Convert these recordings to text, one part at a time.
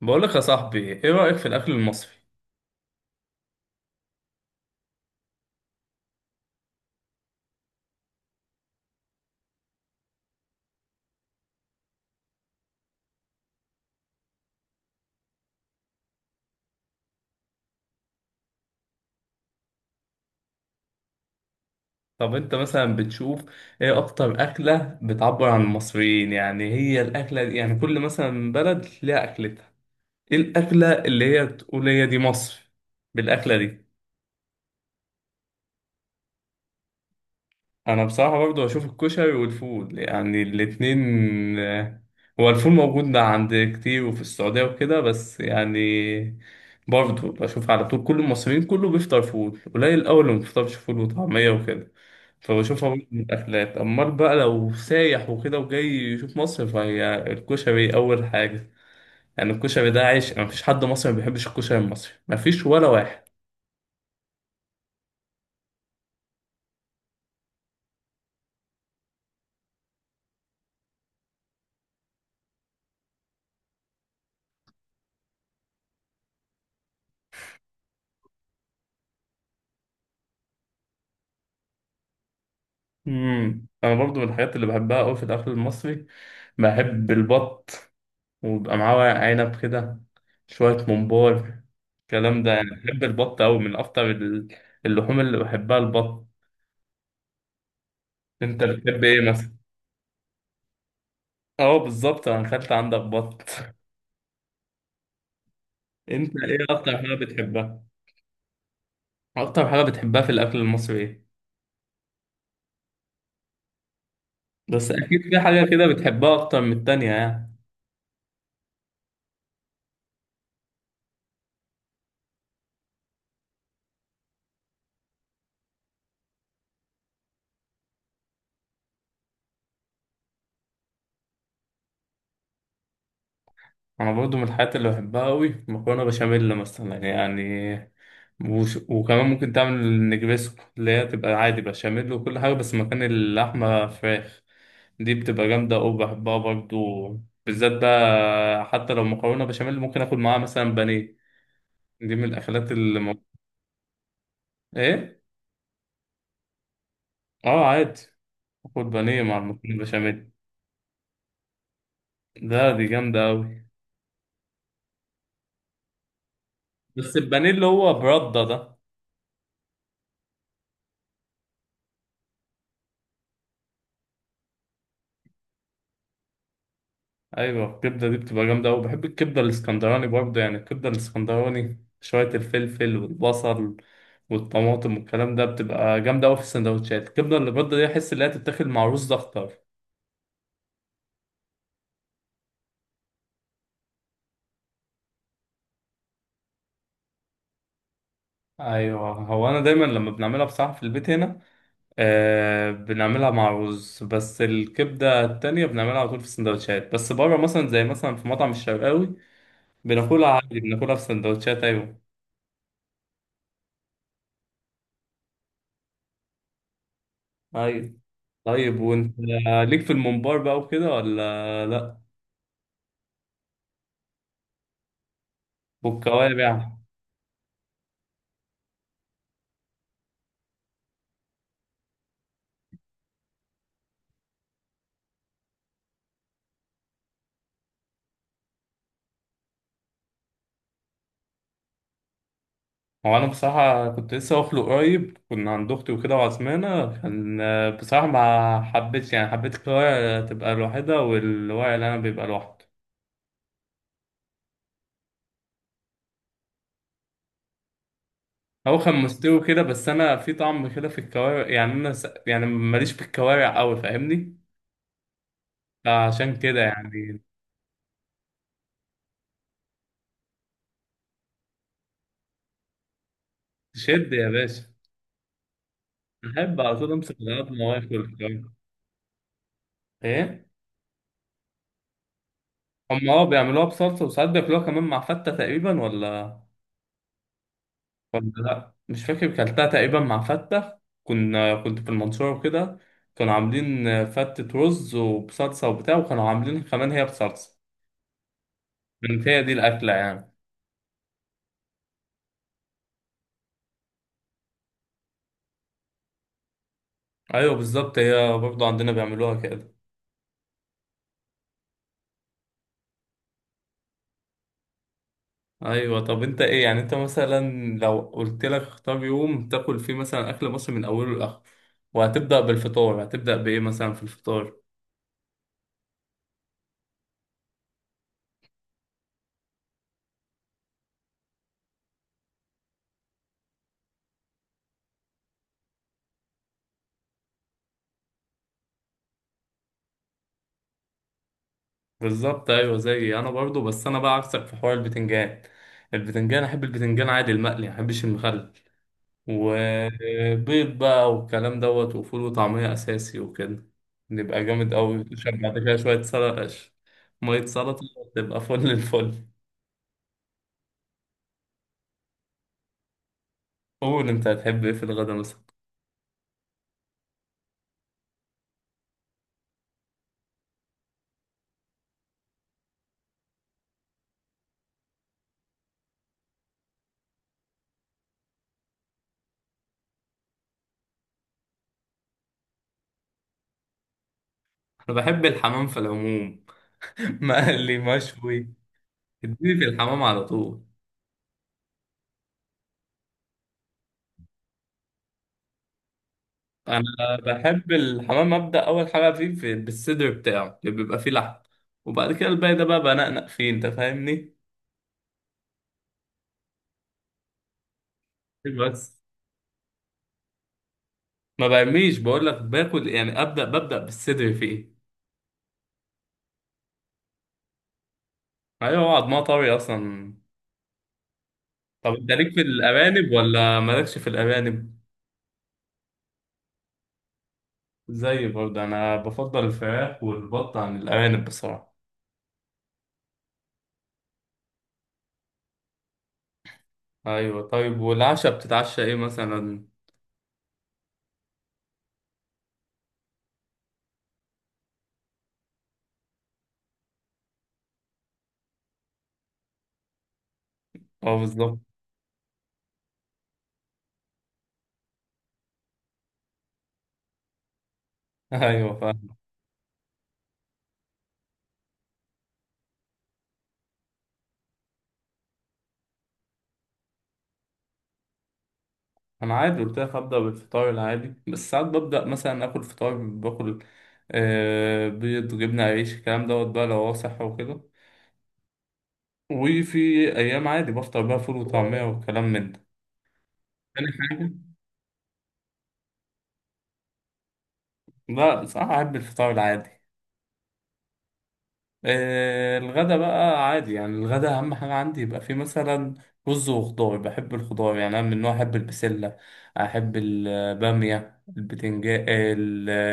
بقولك يا صاحبي ايه رأيك في الأكل المصري؟ طب انت مثلا بتشوف ايه أكتر أكلة بتعبر عن المصريين؟ يعني هي الأكلة دي، يعني كل مثلا بلد ليها أكلتها. ايه الأكلة اللي هي تقول هي دي مصر بالأكلة دي؟ أنا بصراحة برضو أشوف الكشري والفول، يعني الاتنين. آه، هو الفول موجود ده عند كتير وفي السعودية وكده، بس يعني برضو بشوف على طول كل المصريين، كله بيفطر فول، قليل أوي اللي ما بيفطرش فول وطعمية وكده. فبشوفها برضه من الأكلات. أمال بقى لو سايح وكده وجاي يشوف مصر، فهي الكشري أول حاجة. يعني الكشري ده عيش، مفيش حد مصري ما بيحبش الكشري المصري، مفيش ولا واحد. أنا برضو من الحاجات اللي بحبها أوي في الأكل المصري بحب البط، ويبقى معاه ورق عنب كده، شوية ممبار، الكلام ده. يعني بحب البط أوي، من أكتر اللحوم اللي بحبها البط. أنت بتحب إيه مثلا؟ أه بالظبط، أنا أكلت عندك بط. أنت إيه أكتر حاجة بتحبها؟ أكتر حاجة بتحبها في الأكل المصري إيه؟ بس أكيد في حاجة كده بتحبها أكتر من التانية يعني. أنا برضو من الحاجات اللي بحبها أوي مكرونة بشاميل مثلا يعني. وكمان ممكن تعمل النجريسكو، اللي هي تبقى عادي بشاميل وكل حاجة بس مكان اللحمة فراخ. دي بتبقى جامدة أوي، بحبها برضو. بالذات بقى حتى لو مكرونة بشاميل، ممكن آكل معاها مثلا بانيه. دي من الأكلات اللي إيه؟ آه عادي، آكل بانيه مع المكرونة بشاميل. ده دي جامدة أوي. بس البانيه اللي هو برده ده، ايوه الكبده دي بتبقى جامده قوي. بحب الكبده الاسكندراني برضه، يعني الكبده الاسكندراني شويه الفلفل والبصل والطماطم والكلام ده، بتبقى جامده قوي في السندوتشات. الكبده اللي برده دي احس ان هي تتاكل مع رز ده اكتر. ايوه هو انا دايما لما بنعملها بصراحه في البيت هنا، آه بنعملها مع رز. بس الكبده التانية بنعملها على طول في السندوتشات، بس بره مثلا زي مثلا في مطعم الشرقاوي بناكلها عادي، بناكلها في سندوتشات. ايوه، ايوه. طيب وانت ليك في الممبار بقى وكده ولا لا؟ والكوارع؟ هو انا بصراحه كنت لسه واكله قريب، كنا عند اختي وكده وعزمانه كان. بصراحه ما حبيتش، يعني حبيت الكوارع تبقى لوحدها والورق اللي انا بيبقى لوحده. هو كان مستوي كده، بس انا في طعم كده في الكوارع، يعني انا يعني ماليش في الكوارع قوي فاهمني، عشان كده يعني. شد يا باشا. بحب على طول امسك الغلط ما واكل الكوارع. ايه؟ هم اه، بيعملوها بصلصه، وساعات بياكلوها كمان مع فته تقريبا، ولا ولا لا، مش فاكر. كلتها تقريبا مع فتة، كنا كنت في المنصورة وكده، كانوا عاملين فتة رز وبصلصة وبتاع، وكانوا عاملين كمان هي بصلصة. كانت هي دي الأكلة يعني. أيوة بالظبط، هي برضو عندنا بيعملوها كده. أيوة. طب أنت إيه يعني، أنت مثلا لو قلت لك اختار يوم تاكل فيه مثلا أكل مصري من أوله لآخره، وهتبدأ بالفطار، هتبدأ بإيه مثلا في الفطار؟ بالظبط أيوة، زيي أنا برضو. بس أنا بقى عكسك في حوار البتنجان، البتنجان أحب البتنجان عادي المقلي، ما أحبش المخلل، وبيض بقى والكلام دوت، وفول وطعمية أساسي وكده. نبقى جامد أوي. تشرب بعد كده شوية سلطة، مية سلطة، تبقى فل الفل. قول أنت هتحب إيه في الغدا مثلا؟ أنا بحب الحمام في العموم، مقلي مشوي، اديني في الحمام على طول. أنا بحب الحمام أبدأ أول حاجة فيه في بالصدر بتاعه اللي بيبقى فيه لحم، وبعد كده الباقي ده بقى بنقنق فيه أنت فاهمني. بس ما بعمليش، بقول لك باكل، يعني أبدأ ببدأ بالصدر فيه. ايوه هو عضمها طري اصلا. طب انت ليك في الارانب ولا مالكش في الارانب؟ زي برضه انا بفضل الفراخ والبط عن الارانب بصراحه. ايوه. طيب والعشاء بتتعشى ايه مثلا؟ اه بالظبط. ايوه فاهم. انا عادي قلت لك هبدا بالفطار العادي، بس ساعات ببدا مثلا اكل فطار باكل، آه بيض جبنه عيش الكلام دوت بقى لو هو صحي وكده. وفي ايام عادي بفطر بقى فول وطعميه والكلام من ده. تاني حاجه، لا صراحه احب الفطار العادي. الغدا بقى عادي، يعني الغدا اهم حاجه عندي يبقى فيه مثلا رز وخضار. بحب الخضار، يعني انا من النوع احب البسله، احب الباميه، البتنجان،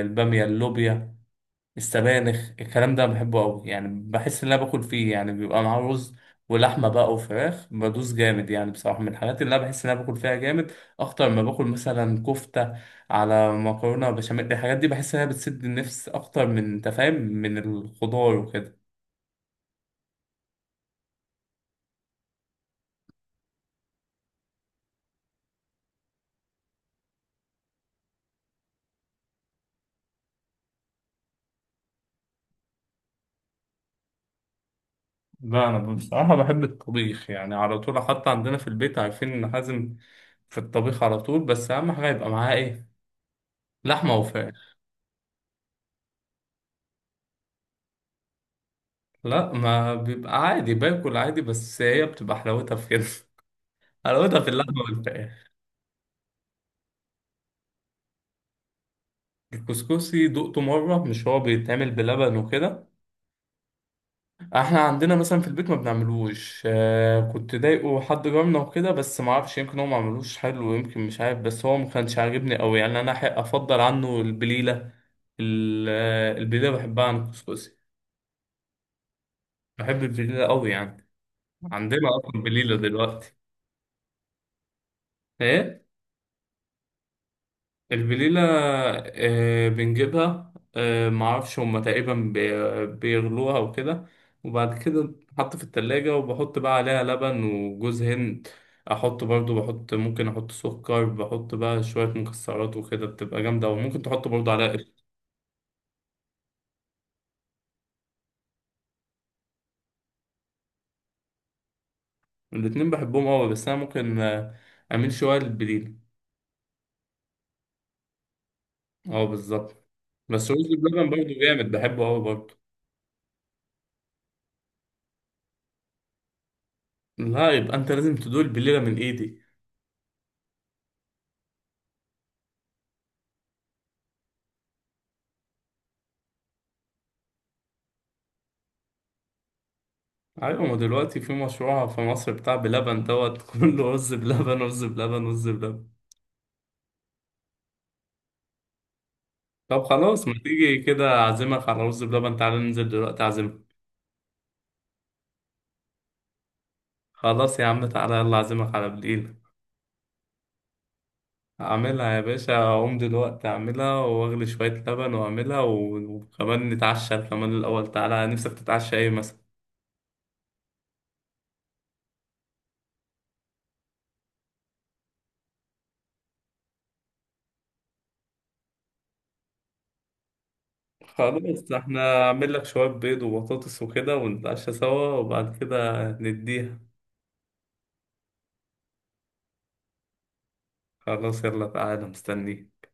الباميه، اللوبيا، السبانخ. الكلام ده بحبه قوي، يعني بحس ان انا باكل فيه، يعني بيبقى معاه رز ولحمه بقى وفراخ، بدوس جامد يعني بصراحه. من الحاجات اللي انا بحس ان انا باكل فيها جامد اكتر ما باكل مثلا كفته على مكرونه بشاميل. الحاجات دي بحس ان هي بتسد النفس اكتر من تفاهم من الخضار وكده. لا انا بصراحه بحب الطبيخ، يعني على طول، حتى عندنا في البيت عارفين ان حازم في الطبيخ على طول. بس اهم حاجه يبقى معاه ايه، لحمه وفراخ. لا ما بيبقى عادي، باكل عادي، بس هي بتبقى حلاوتها في كده. حلاوتها في اللحمه والفراخ. الكسكسي دقته مره، مش هو بيتعمل بلبن وكده؟ احنا عندنا مثلا في البيت ما بنعملوش. آه كنت ضايقه حد جارنا وكده، بس ما اعرفش، يمكن هو ما عملوش حلو، يمكن مش عارف، بس هو ما كانش عاجبني قوي يعني. انا حق افضل عنه البليله. البليله بحبها عن الكسكسي. بحب البليله قوي يعني، عندنا اصلا بليله دلوقتي. ايه الفليلة؟ بنجيبها، معرفش هما تقريبا بيغلوها وكده، وبعد كده بتتحط في التلاجة، وبحط بقى عليها لبن وجوز هند، أحط برضو، بحط ممكن أحط سكر، بحط بقى شوية مكسرات وكده، بتبقى جامدة، وممكن تحط برضو عليها قشطة. الاتنين بحبهم أوي، بس أنا ممكن أميل شوية للبليلة. أه بالظبط. بس رز بلبن برضو جامد، بحبه أوي برضو. لا يبقى أنت لازم تدوق البليلة من إيدي. ايوه ما دلوقتي في مشروع في مصر بتاع بلبن دوت، كله رز بلبن، رز بلبن، رز بلبن. طب خلاص، ما تيجي كده اعزمك على رز بلبن، تعالى ننزل دلوقتي اعزمك. خلاص يا عم، تعالى يلا اعزمك على بالليل. اعملها يا باشا، اقوم دلوقتي اعملها واغلي شوية لبن واعملها، وكمان نتعشى كمان الاول. تعالى، نفسك تتعشى ايه مثلا؟ خلاص احنا اعمل لك شوية بيض وبطاطس وكده ونتعشى سوا، وبعد كده نديها. خلاص يلا تعالى مستنيك.